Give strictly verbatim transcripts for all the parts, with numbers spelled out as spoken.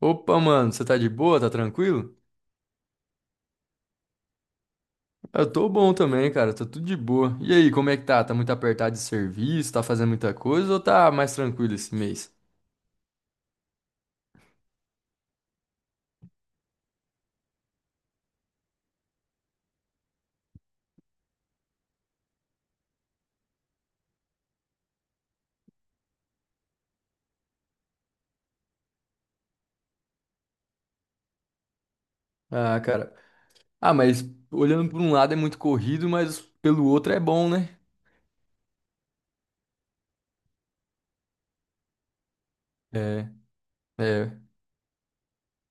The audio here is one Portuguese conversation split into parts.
Opa, mano, você tá de boa? Tá tranquilo? Eu tô bom também, cara, tô tudo de boa. E aí, como é que tá? Tá muito apertado de serviço? Tá fazendo muita coisa ou tá mais tranquilo esse mês? Ah, cara. Ah, mas olhando por um lado é muito corrido, mas pelo outro é bom, né? É, é.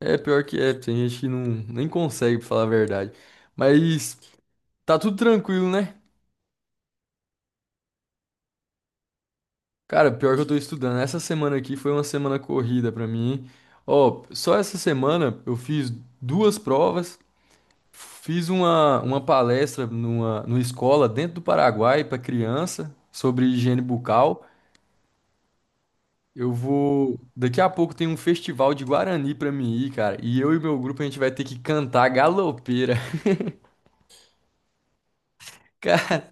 É pior que é, tem gente que não, nem consegue, pra falar a verdade. Mas tá tudo tranquilo, né? Cara, pior que eu tô estudando. Essa semana aqui foi uma semana corrida pra mim, hein? Ó, só essa semana eu fiz duas provas. Fiz uma, uma palestra numa, numa escola dentro do Paraguai para criança sobre higiene bucal. Eu vou. Daqui a pouco tem um festival de Guarani para mim ir, cara. E eu e meu grupo a gente vai ter que cantar galopeira. Cara,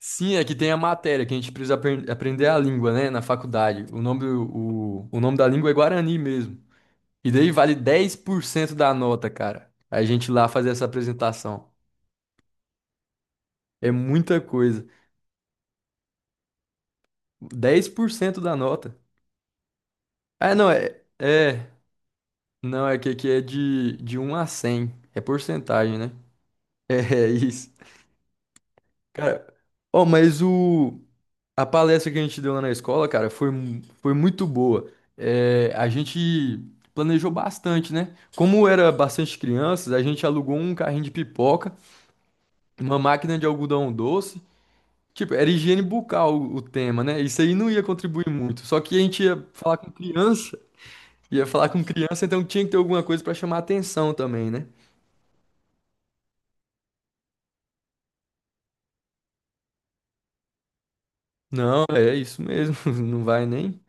sim, é que tem a matéria que a gente precisa apren- aprender a língua, né, na faculdade. O nome, do- o, o nome da língua é Guarani mesmo. E daí vale dez por cento da nota, cara. A gente lá fazer essa apresentação. É muita coisa. Dez por cento da nota. Ah, não, é. É. Não, é que aqui é de, de um a cem, é porcentagem, né? É, é isso. Cara, ó, mas o. A palestra que a gente deu lá na escola, cara, foi, mu- foi muito boa. É, a gente planejou bastante, né? Como era bastante crianças, a gente alugou um carrinho de pipoca, uma máquina de algodão doce. Tipo, era higiene bucal o, o tema, né? Isso aí não ia contribuir muito. Só que a gente ia falar com criança, ia falar com criança, então tinha que ter alguma coisa pra chamar atenção também, né? Não, é isso mesmo, não vai nem.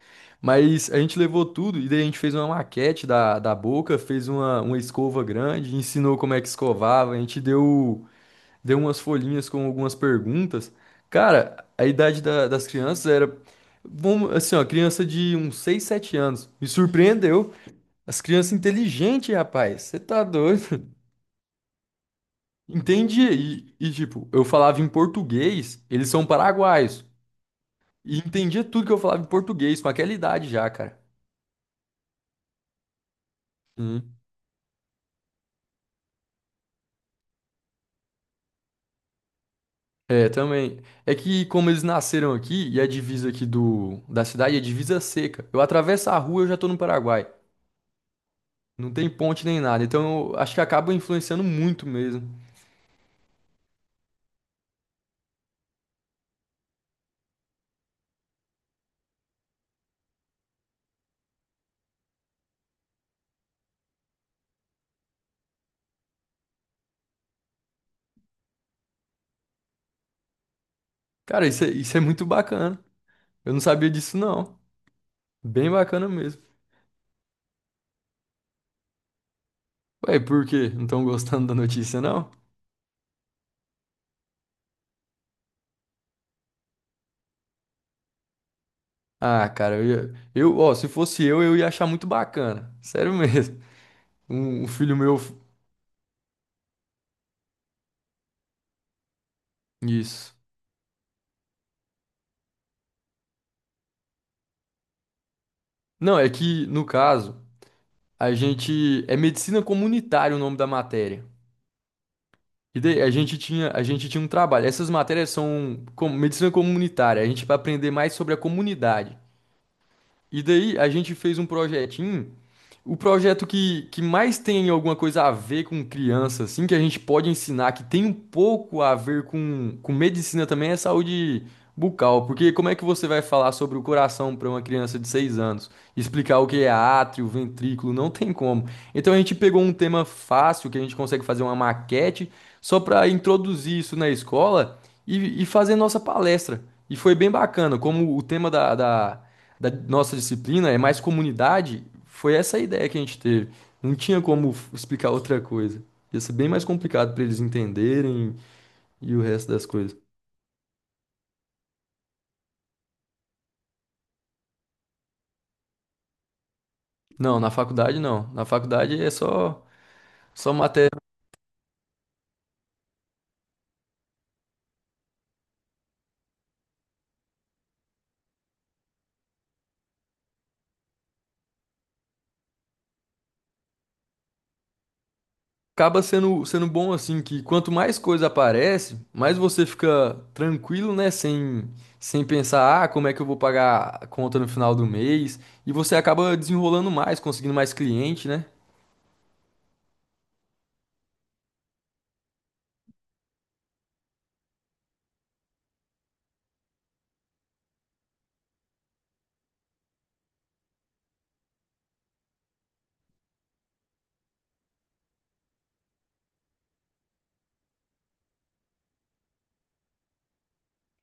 Mas a gente levou tudo e daí a gente fez uma maquete da, da boca, fez uma, uma escova grande, ensinou como é que escovava, a gente deu, deu umas folhinhas com algumas perguntas. Cara, a idade da- das crianças era, vamos, assim, ó, criança de uns seis, sete anos. Me surpreendeu. As crianças inteligentes, rapaz, você tá doido? Entendi. E, e, tipo, eu falava em português, eles são paraguaios. E entendia tudo que eu falava em português, com aquela idade já, cara. Hum. É, também. É que como eles nasceram aqui, e a divisa aqui do, da cidade é divisa seca. Eu atravesso a rua, e eu já tô no Paraguai. Não tem ponte nem nada. Então eu acho que acaba influenciando muito mesmo. Cara, isso é, isso é muito bacana. Eu não sabia disso, não. Bem bacana mesmo. Ué, por quê? Não estão gostando da notícia, não? Ah, cara, eu, ia- eu, ó, se fosse eu, eu ia achar muito bacana. Sério mesmo. Um, um filho meu. Isso. Não, é que, no caso, a gente. É medicina comunitária o nome da matéria. E daí a gente tinha, a gente tinha um trabalho. Essas matérias são como medicina comunitária. A gente vai aprender mais sobre a comunidade. E daí a gente fez um projetinho. O projeto que, que mais tem alguma coisa a ver com criança, assim, que a gente pode ensinar, que tem um pouco a ver com, com medicina também, é saúde bucal. Porque como é que você vai falar sobre o coração para uma criança de seis anos? Explicar o que é átrio, ventrículo, não tem como. Então a gente pegou um tema fácil, que a gente consegue fazer uma maquete, só para introduzir isso na escola e, e fazer nossa palestra. E foi bem bacana, como o tema da, da da nossa disciplina é mais comunidade, foi essa a ideia que a gente teve. Não tinha como f- explicar outra coisa. Ia ser bem mais complicado para eles entenderem e o resto das coisas. Não, na faculdade não. Na faculdade é só só matéria. Acaba sendo sendo bom assim que quanto mais coisa aparece, mais você fica tranquilo, né, sem sem pensar, ah, como é que eu vou pagar a conta no final do mês? E você acaba desenrolando mais, conseguindo mais cliente, né?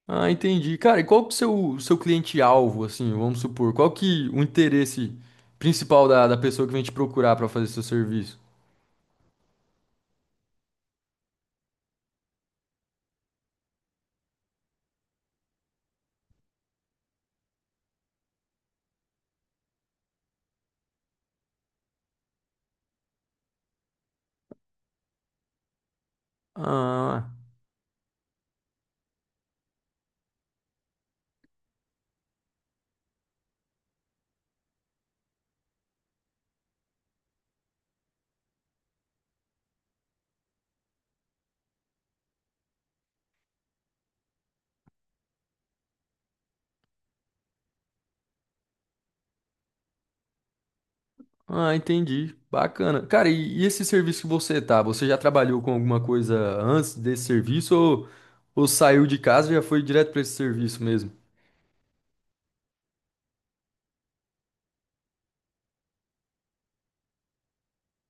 Ah, entendi. Cara, e qual que é o seu, seu cliente-alvo, assim, vamos supor? Qual que o interesse principal da, da pessoa que vem te procurar para fazer seu serviço? Ah, ah, entendi. Bacana. Cara, e, e esse serviço que você tá, você já trabalhou com alguma coisa antes desse serviço ou, ou saiu de casa e já foi direto para esse serviço mesmo?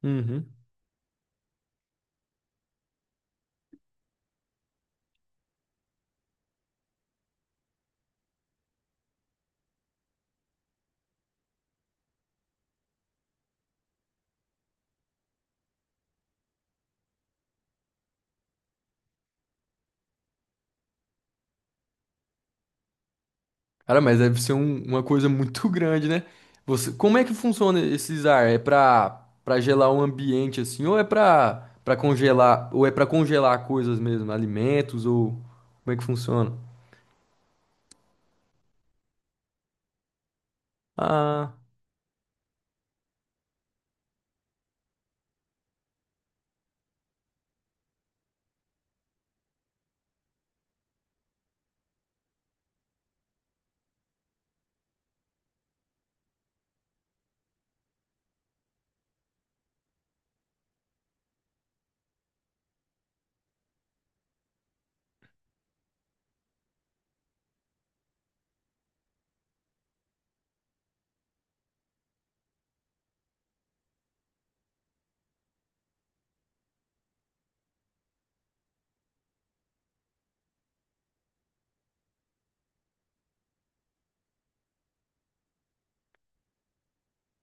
Uhum. Cara, mas deve ser um- uma coisa muito grande, né? Você, como é que funciona esses ar? É pra, pra gelar um ambiente assim, ou é pra, pra congelar, ou é pra congelar coisas mesmo, alimentos, ou como é que funciona? Ah,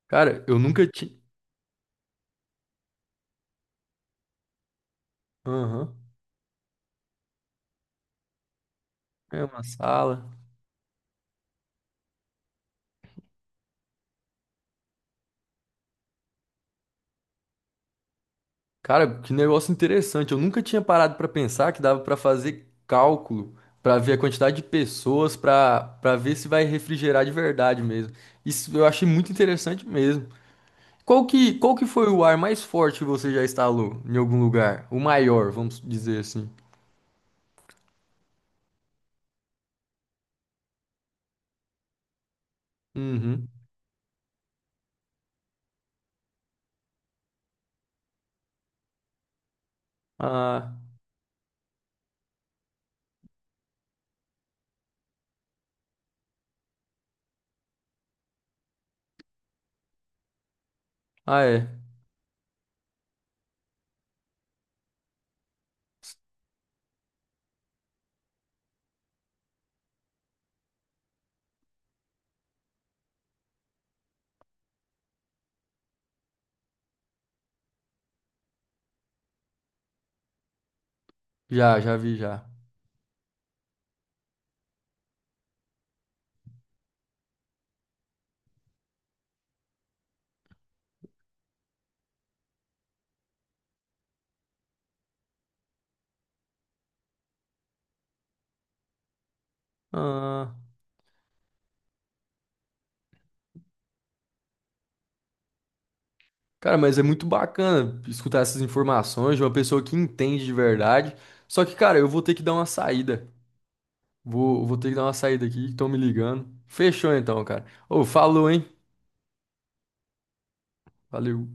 cara, eu nunca tinha. Aham, é uma sala. Cara, que negócio interessante. Eu nunca tinha parado pra pensar que dava pra fazer cálculo, pra ver a quantidade de pessoas, pra para ver se vai refrigerar de verdade mesmo. Isso eu achei muito interessante mesmo. Qual que, qual que foi o ar mais forte que você já instalou em algum lugar? O maior, vamos dizer assim. Uhum. Ah, ah, é. Já, já vi, já. Ah, cara, mas é muito bacana escutar essas informações de uma pessoa que entende de verdade. Só que, cara, eu vou ter que dar uma saída. Vou, vou ter que dar uma saída aqui, estão me ligando. Fechou então, cara. Ô, falou, hein? Valeu.